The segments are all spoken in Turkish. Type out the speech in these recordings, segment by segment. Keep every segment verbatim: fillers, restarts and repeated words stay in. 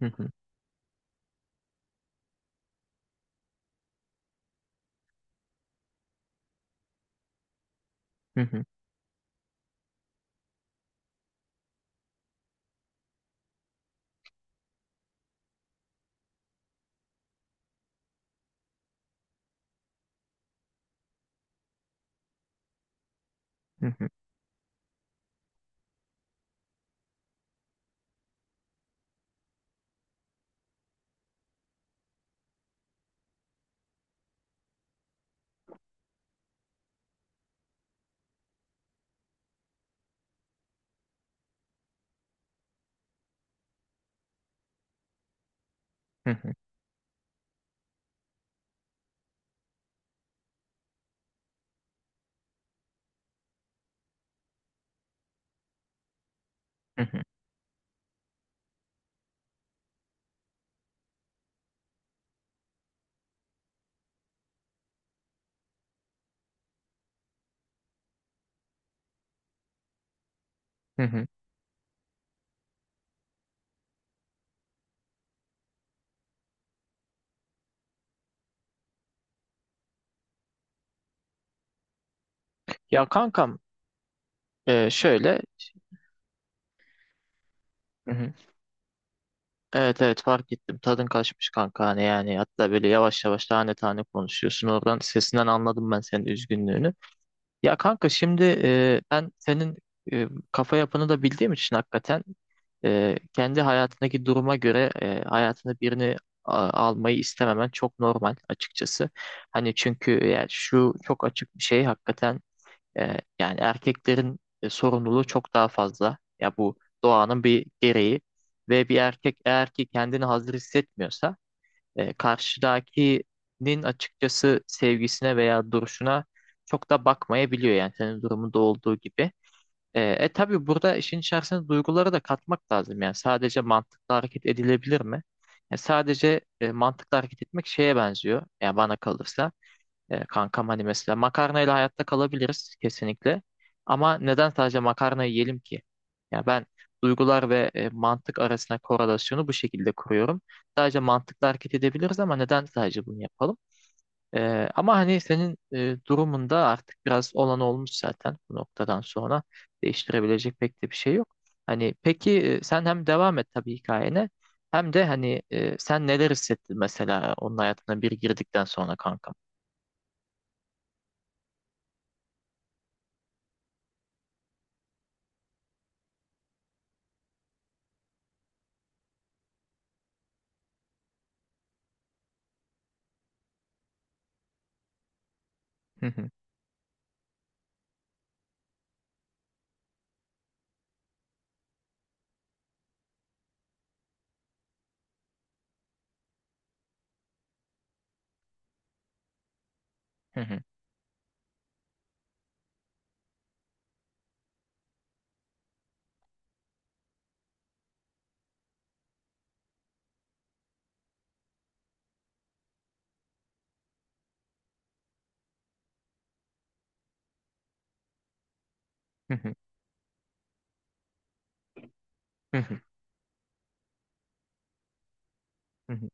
Hı hı, hı hı, hı hı, hı hı, hı hı, hı hı. Ya kankam, e, şöyle. Hı hı. Evet, evet, fark ettim tadın kaçmış kanka, hani yani hatta böyle yavaş yavaş tane tane konuşuyorsun, oradan sesinden anladım ben senin üzgünlüğünü. Ya kanka şimdi e, ben senin e, kafa yapını da bildiğim için hakikaten e, kendi hayatındaki duruma göre e, hayatına birini a- almayı istememen çok normal açıkçası. Hani çünkü yani şu çok açık bir şey hakikaten. Ee, yani erkeklerin e, sorumluluğu çok daha fazla. Ya bu doğanın bir gereği ve bir erkek eğer ki kendini hazır hissetmiyorsa e, karşıdakinin açıkçası sevgisine veya duruşuna çok da bakmayabiliyor, yani senin durumunda olduğu gibi. E, e tabii burada işin içerisine duyguları da katmak lazım, yani sadece mantıkla hareket edilebilir mi? Yani sadece e, mantıklı hareket etmek şeye benziyor, yani bana kalırsa. E, kankam hani mesela makarnayla hayatta kalabiliriz kesinlikle. Ama neden sadece makarna yiyelim ki? Ya ben duygular ve e, mantık arasında korelasyonu bu şekilde kuruyorum. Sadece mantıkla hareket edebiliriz, ama neden sadece bunu yapalım? E, ama hani senin e, durumunda artık biraz olan olmuş zaten, bu noktadan sonra değiştirebilecek pek de bir şey yok. Hani peki e, sen hem devam et tabii hikayene, hem de hani e, sen neler hissettin mesela onun hayatına bir girdikten sonra kanka? Hı hı, hı hı, hı hı, hı hı, hı hı.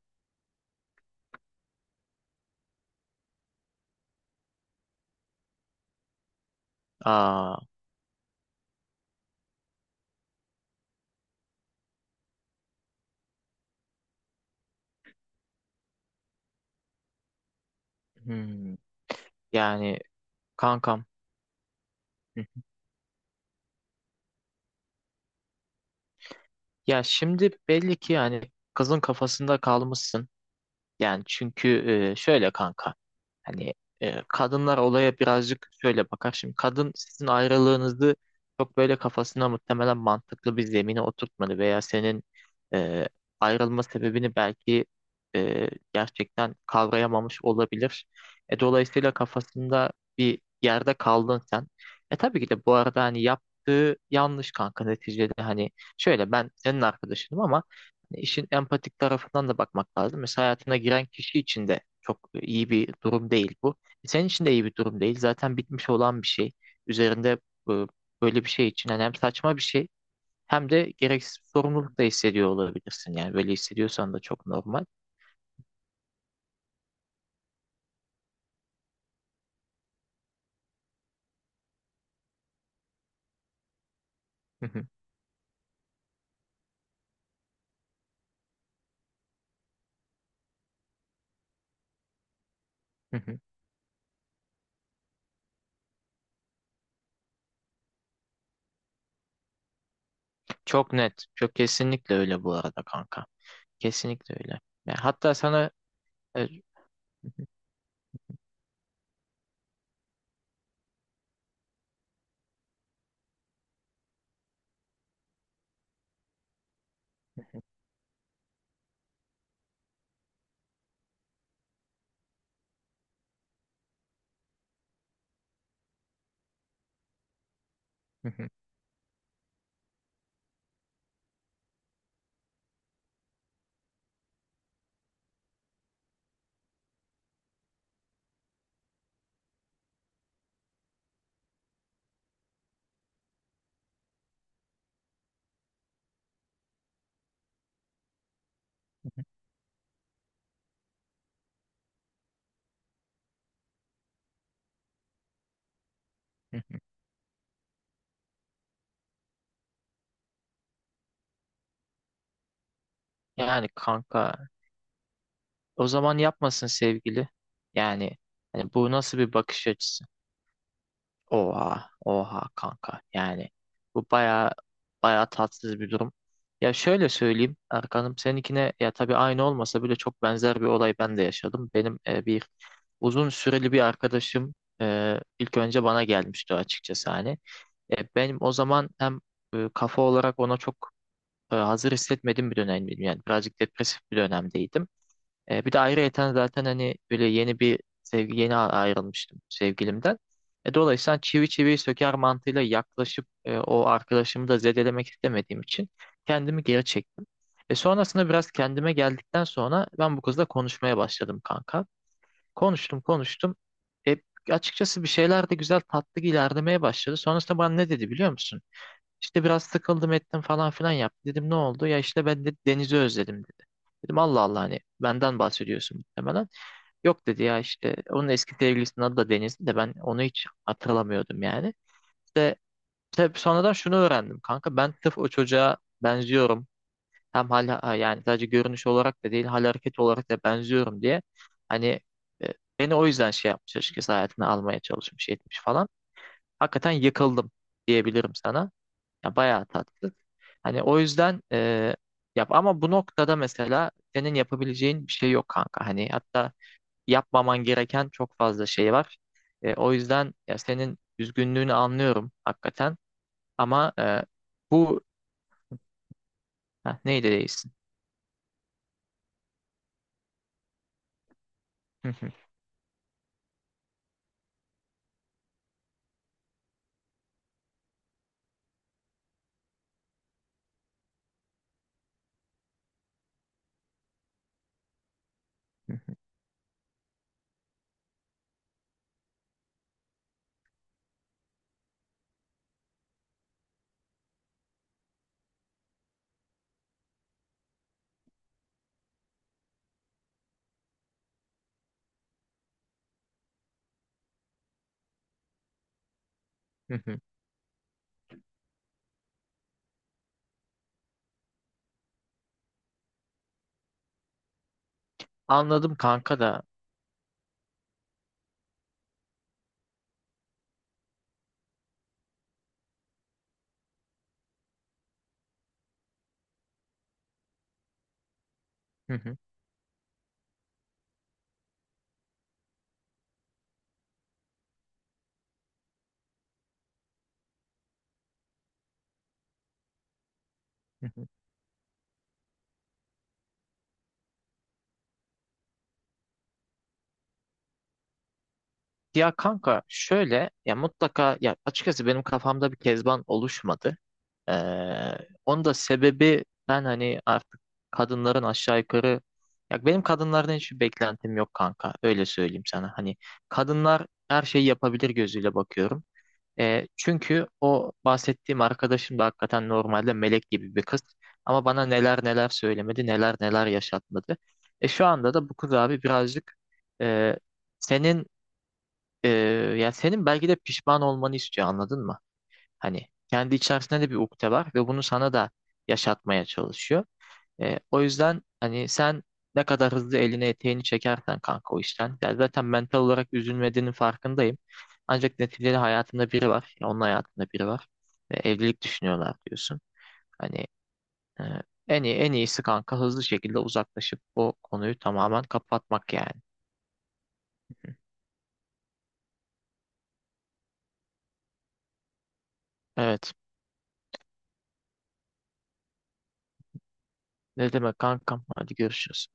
Aa, hmm. Yani kankam. Hı. Ya şimdi belli ki yani kızın kafasında kalmışsın. Yani çünkü e, şöyle kanka, hani e, kadınlar olaya birazcık şöyle bakar. Şimdi kadın sizin ayrılığınızı çok böyle kafasına muhtemelen mantıklı bir zemine oturtmadı, veya senin e, ayrılma sebebini belki e, gerçekten kavrayamamış olabilir. E, dolayısıyla kafasında bir yerde kaldın sen. E, tabii ki de bu arada hani yaptığı yanlış kanka, neticede hani şöyle, ben senin arkadaşınım ama İşin empatik tarafından da bakmak lazım. Mesela hayatına giren kişi için de çok iyi bir durum değil bu. E, senin için de iyi bir durum değil. Zaten bitmiş olan bir şey. Üzerinde e, böyle bir şey için yani hem saçma bir şey, hem de gereksiz bir sorumluluk da hissediyor olabilirsin. Yani böyle hissediyorsan da çok normal. Hı hı, hı hı. Çok net. Çok, kesinlikle öyle bu arada kanka. Kesinlikle öyle. Yani hatta sana e, hı hı, hı hı. Yani kanka, o zaman yapmasın sevgili. Yani hani bu nasıl bir bakış açısı? Oha, oha kanka. Yani bu baya baya tatsız bir durum. Ya şöyle söyleyeyim Erkan'ım, seninkine ya tabii aynı olmasa bile çok benzer bir olay ben de yaşadım. Benim e, bir uzun süreli bir arkadaşım e, ilk önce bana gelmişti açıkçası hani. E, benim o zaman hem e, kafa olarak ona çok e, hazır hissetmediğim bir dönemdim. Yani birazcık depresif bir dönemdeydim. E, bir de ayrıyeten zaten hani böyle yeni bir sevgi yeni a- ayrılmıştım sevgilimden. E, dolayısıyla hani çivi çiviyi söker mantığıyla yaklaşıp e, o arkadaşımı da zedelemek istemediğim için kendimi geri çektim. E, sonrasında biraz kendime geldikten sonra ben bu kızla konuşmaya başladım kanka. Konuştum konuştum. E, açıkçası bir şeyler de güzel tatlı ilerlemeye başladı. Sonrasında bana ne dedi biliyor musun? İşte biraz sıkıldım ettim falan filan yaptı. Dedim ne oldu? Ya işte ben de denizi özledim dedi. Dedim Allah Allah, hani benden bahsediyorsun muhtemelen. Yok dedi, ya işte onun eski sevgilisinin adı da Deniz'di de, ben onu hiç hatırlamıyordum yani. Tabii sonradan şunu öğrendim kanka, ben tıf o çocuğa benziyorum. Hem hal ha- yani sadece görünüş olarak da değil, hal hareket olarak da benziyorum diye. Hani e, beni o yüzden şey yapmış açıkçası, hayatına almaya çalışmış etmiş falan. Hakikaten yıkıldım diyebilirim sana. Ya bayağı tatlı. Hani o yüzden e, yap, ama bu noktada mesela senin yapabileceğin bir şey yok kanka. Hani hatta yapmaman gereken çok fazla şey var. E, o yüzden ya senin üzgünlüğünü anlıyorum hakikaten. Ama e, bu ha, neydi değilsin? Anladım kanka da. Hı hı, hı hı. Ya kanka şöyle, ya mutlaka, ya açıkçası benim kafamda bir kezban oluşmadı. Ee, Onun da sebebi, ben hani artık kadınların aşağı yukarı, ya benim kadınlardan hiçbir beklentim yok kanka, öyle söyleyeyim sana. Hani kadınlar her şeyi yapabilir gözüyle bakıyorum. Ee, çünkü o bahsettiğim arkadaşım da hakikaten normalde melek gibi bir kız. Ama bana neler neler söylemedi, neler neler yaşatmadı. E, şu anda da bu kız abi birazcık e, senin e, ya senin belki de pişman olmanı istiyor, anladın mı? Hani kendi içerisinde de bir ukde var ve bunu sana da yaşatmaya çalışıyor. E, o yüzden hani sen ne kadar hızlı eline eteğini çekersen kanka o işten. Ya zaten mental olarak üzülmediğinin farkındayım. Ancak neticede hayatında biri var. Ya onun hayatında biri var. Ve evlilik düşünüyorlar diyorsun. Hani e, en iyi, en iyisi kanka hızlı şekilde uzaklaşıp o konuyu tamamen kapatmak yani. Evet. Ne demek kankam? Hadi görüşürüz.